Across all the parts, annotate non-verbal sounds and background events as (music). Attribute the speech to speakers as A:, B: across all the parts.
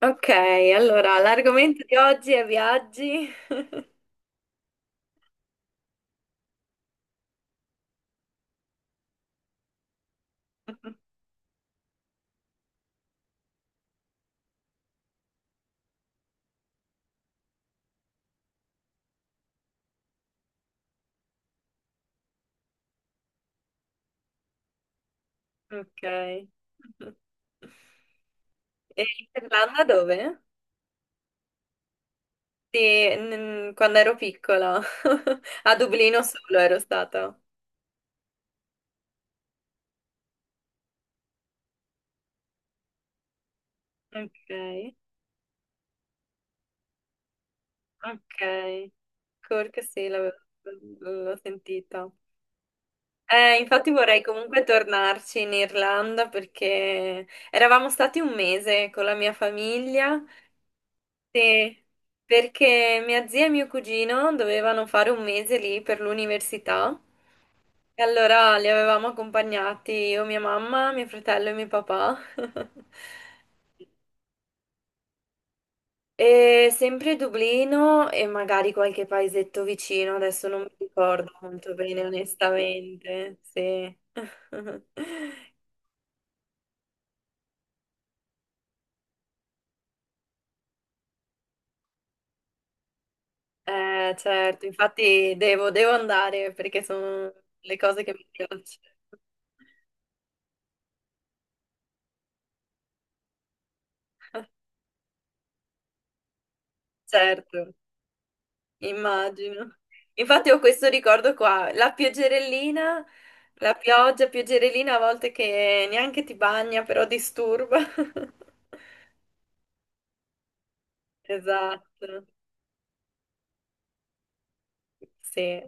A: Ok, allora l'argomento di oggi è viaggi. (laughs) Ok. E l'Irlanda dove? Sì, quando ero piccola. (laughs) A Dublino solo ero stata. Ok, ok. Cork sì, l'ho sentita. Infatti vorrei comunque tornarci in Irlanda perché eravamo stati un mese con la mia famiglia. Sì, perché mia zia e mio cugino dovevano fare un mese lì per l'università e allora li avevamo accompagnati io, mia mamma, mio fratello e mio papà. (laughs) E sempre Dublino e magari qualche paesetto vicino, adesso non mi ricordo molto bene, onestamente. Sì. (laughs) Certo, infatti devo andare perché sono le cose che mi piacciono. Certo. Immagino. Infatti ho questo ricordo qua, la pioggerellina, la pioggia, pioggerellina a volte che neanche ti bagna, però disturba. (laughs) Esatto, sì,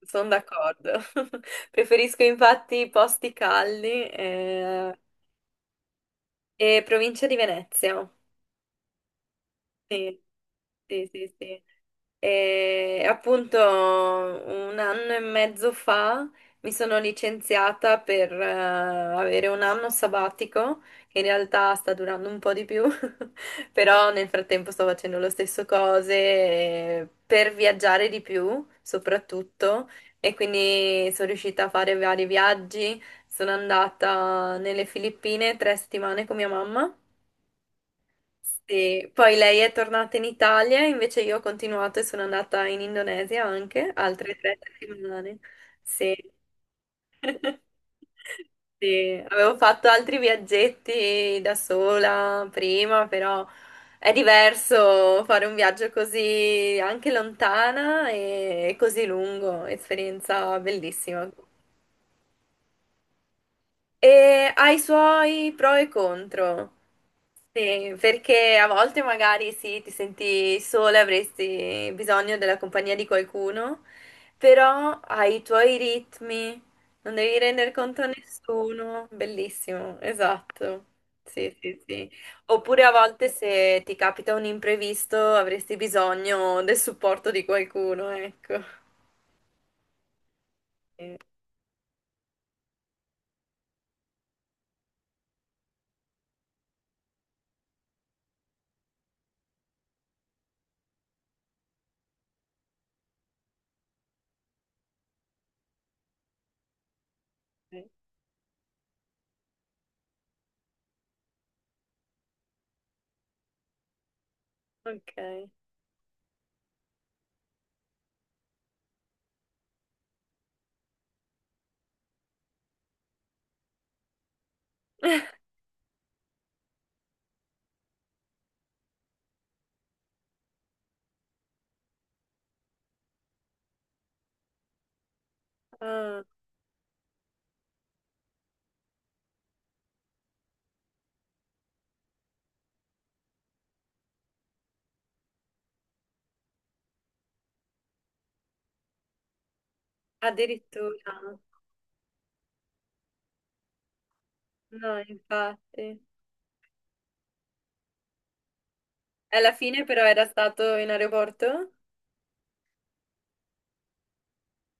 A: sono d'accordo. (laughs) Preferisco infatti i posti caldi e provincia di Venezia. Sì, sì, sì, sì. E appunto un anno e mezzo fa mi sono licenziata per avere un anno sabbatico, che in realtà sta durando un po' di più, (laughs) però nel frattempo sto facendo lo stesso cose per viaggiare di più, soprattutto, e quindi sono riuscita a fare vari viaggi. Sono andata nelle Filippine tre settimane con mia mamma. Sì, poi lei è tornata in Italia, invece io ho continuato e sono andata in Indonesia anche, altre tre settimane. Sì. (laughs) Sì, avevo fatto altri viaggetti da sola prima, però è diverso fare un viaggio così anche lontana e così lungo, esperienza bellissima. E ha i suoi pro e contro. Sì, perché a volte magari sì, ti senti sola, avresti bisogno della compagnia di qualcuno, però hai i tuoi ritmi, non devi rendere conto a nessuno. Bellissimo, esatto. Sì, sì, sì. Oppure a volte se ti capita un imprevisto, avresti bisogno del supporto di qualcuno, ecco. Sì, sì. Ok. (laughs) Ah, addirittura. No, infatti. Alla fine però era stato in aeroporto?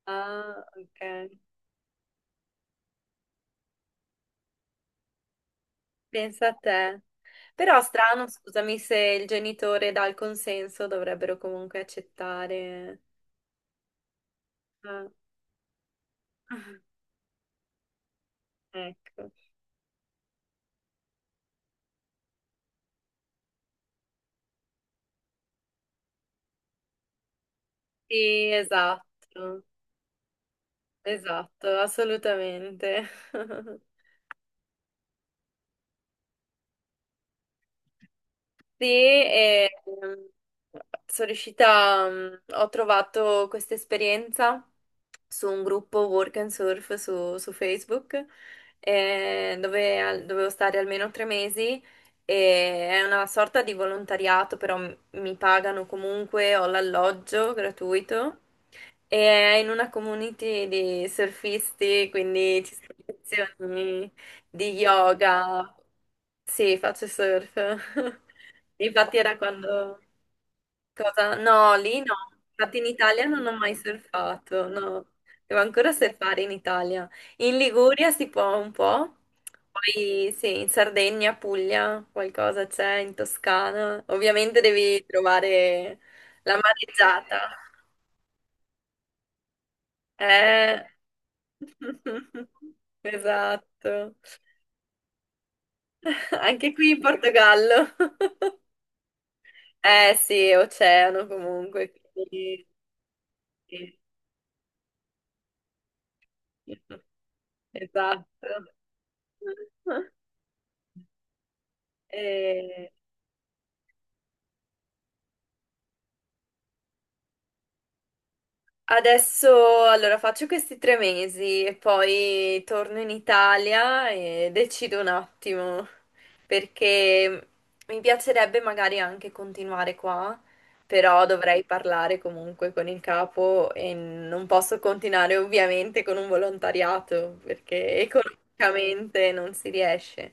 A: Ah, ok. Pensa a te. Però strano, scusami, se il genitore dà il consenso, dovrebbero comunque accettare. Ah, (laughs) ecco. Sì, esatto, esatto, assolutamente. (laughs) Sì, sono riuscita, mm, ho trovato questa esperienza su un gruppo Work and Surf su Facebook, dovevo stare almeno tre mesi e è una sorta di volontariato, però mi pagano comunque, ho l'alloggio gratuito e è in una community di surfisti, quindi ci sono lezioni di yoga. Sì, faccio surf. (laughs) Infatti era quando... Cosa? No, lì no. Infatti in Italia non ho mai surfato, no. Devo ancora surfare in Italia. In Liguria si può un po'. Poi sì, in Sardegna, Puglia, qualcosa c'è, in Toscana. Ovviamente devi trovare la mareggiata. Eh. (laughs) Esatto. (laughs) Anche qui in Portogallo. Eh sì, è oceano comunque, quindi sì, esatto. (laughs) E, adesso allora faccio questi tre mesi e poi torno in Italia e decido un attimo perché mi piacerebbe magari anche continuare qua, però dovrei parlare comunque con il capo e non posso continuare ovviamente con un volontariato perché economicamente non si riesce.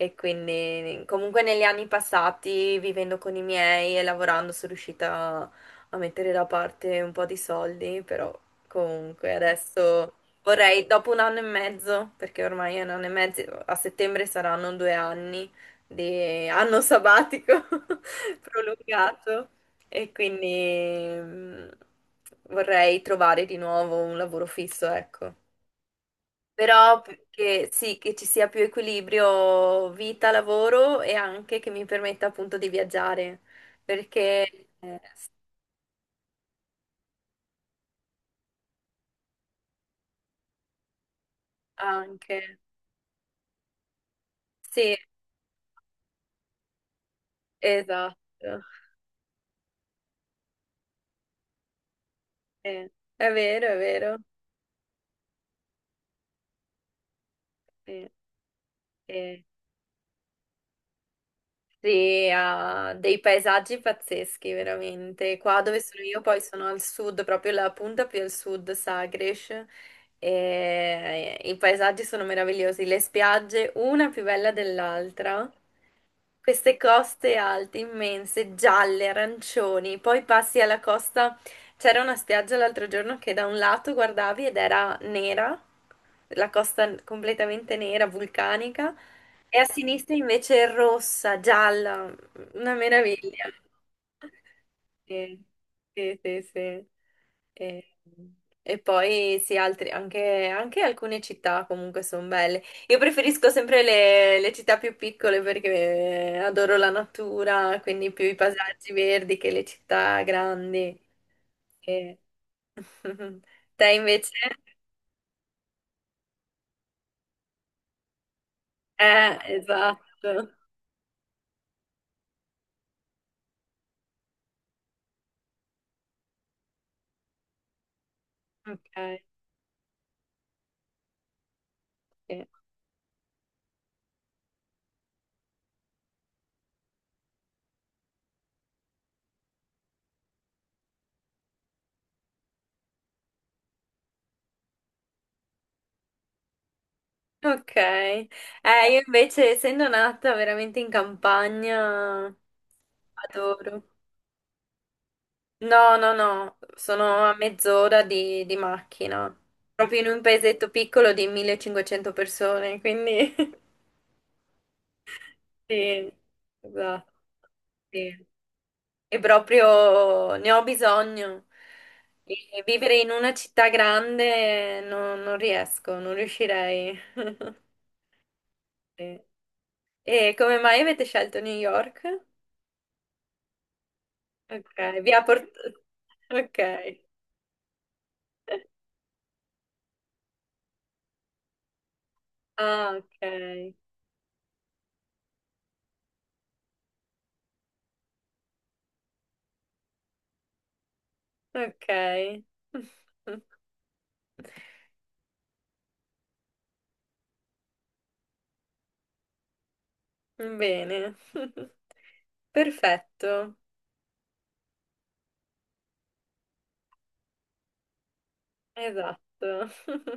A: E quindi comunque negli anni passati, vivendo con i miei e lavorando, sono riuscita a mettere da parte un po' di soldi, però comunque adesso vorrei, dopo un anno e mezzo, perché ormai è un anno e mezzo, a settembre saranno due anni di anno sabbatico (laughs) prolungato e quindi mm, vorrei trovare di nuovo un lavoro fisso, ecco. Però che sì, che ci sia più equilibrio vita-lavoro e anche che mi permetta appunto di viaggiare, perché anche. Sì, esatto. È vero, è vero. Eh, eh, Sì, ha dei paesaggi pazzeschi, veramente. Qua dove sono io, poi sono al sud, proprio la punta più al sud, Sagres. E i paesaggi sono meravigliosi, le spiagge, una più bella dell'altra. Queste coste alte, immense, gialle, arancioni, poi passi alla costa. C'era una spiaggia l'altro giorno che da un lato guardavi ed era nera, la costa completamente nera, vulcanica, e a sinistra invece è rossa, gialla, una meraviglia. Sì, sì, sì. Sì. E, e poi sì, altri, anche, anche alcune città comunque sono belle. Io preferisco sempre le città più piccole perché adoro la natura, quindi più i paesaggi verdi che le città grandi. Eh. (laughs) Te invece? Esatto. Ok. Sì. Ok. Io invece, essendo nata veramente in campagna, adoro. No, no, no, sono a mezz'ora di macchina, proprio in un paesetto piccolo di 1500 persone, quindi (laughs) sì, esatto, sì. E proprio ne ho bisogno. E vivere in una città grande non, non riesco, non riuscirei. (laughs) Sì. E come mai avete scelto New York? Ok, vi ha portato... (laughs) Ok. Ah, ok. Ok. (laughs) Bene. (laughs) Perfetto. Esatto. (laughs)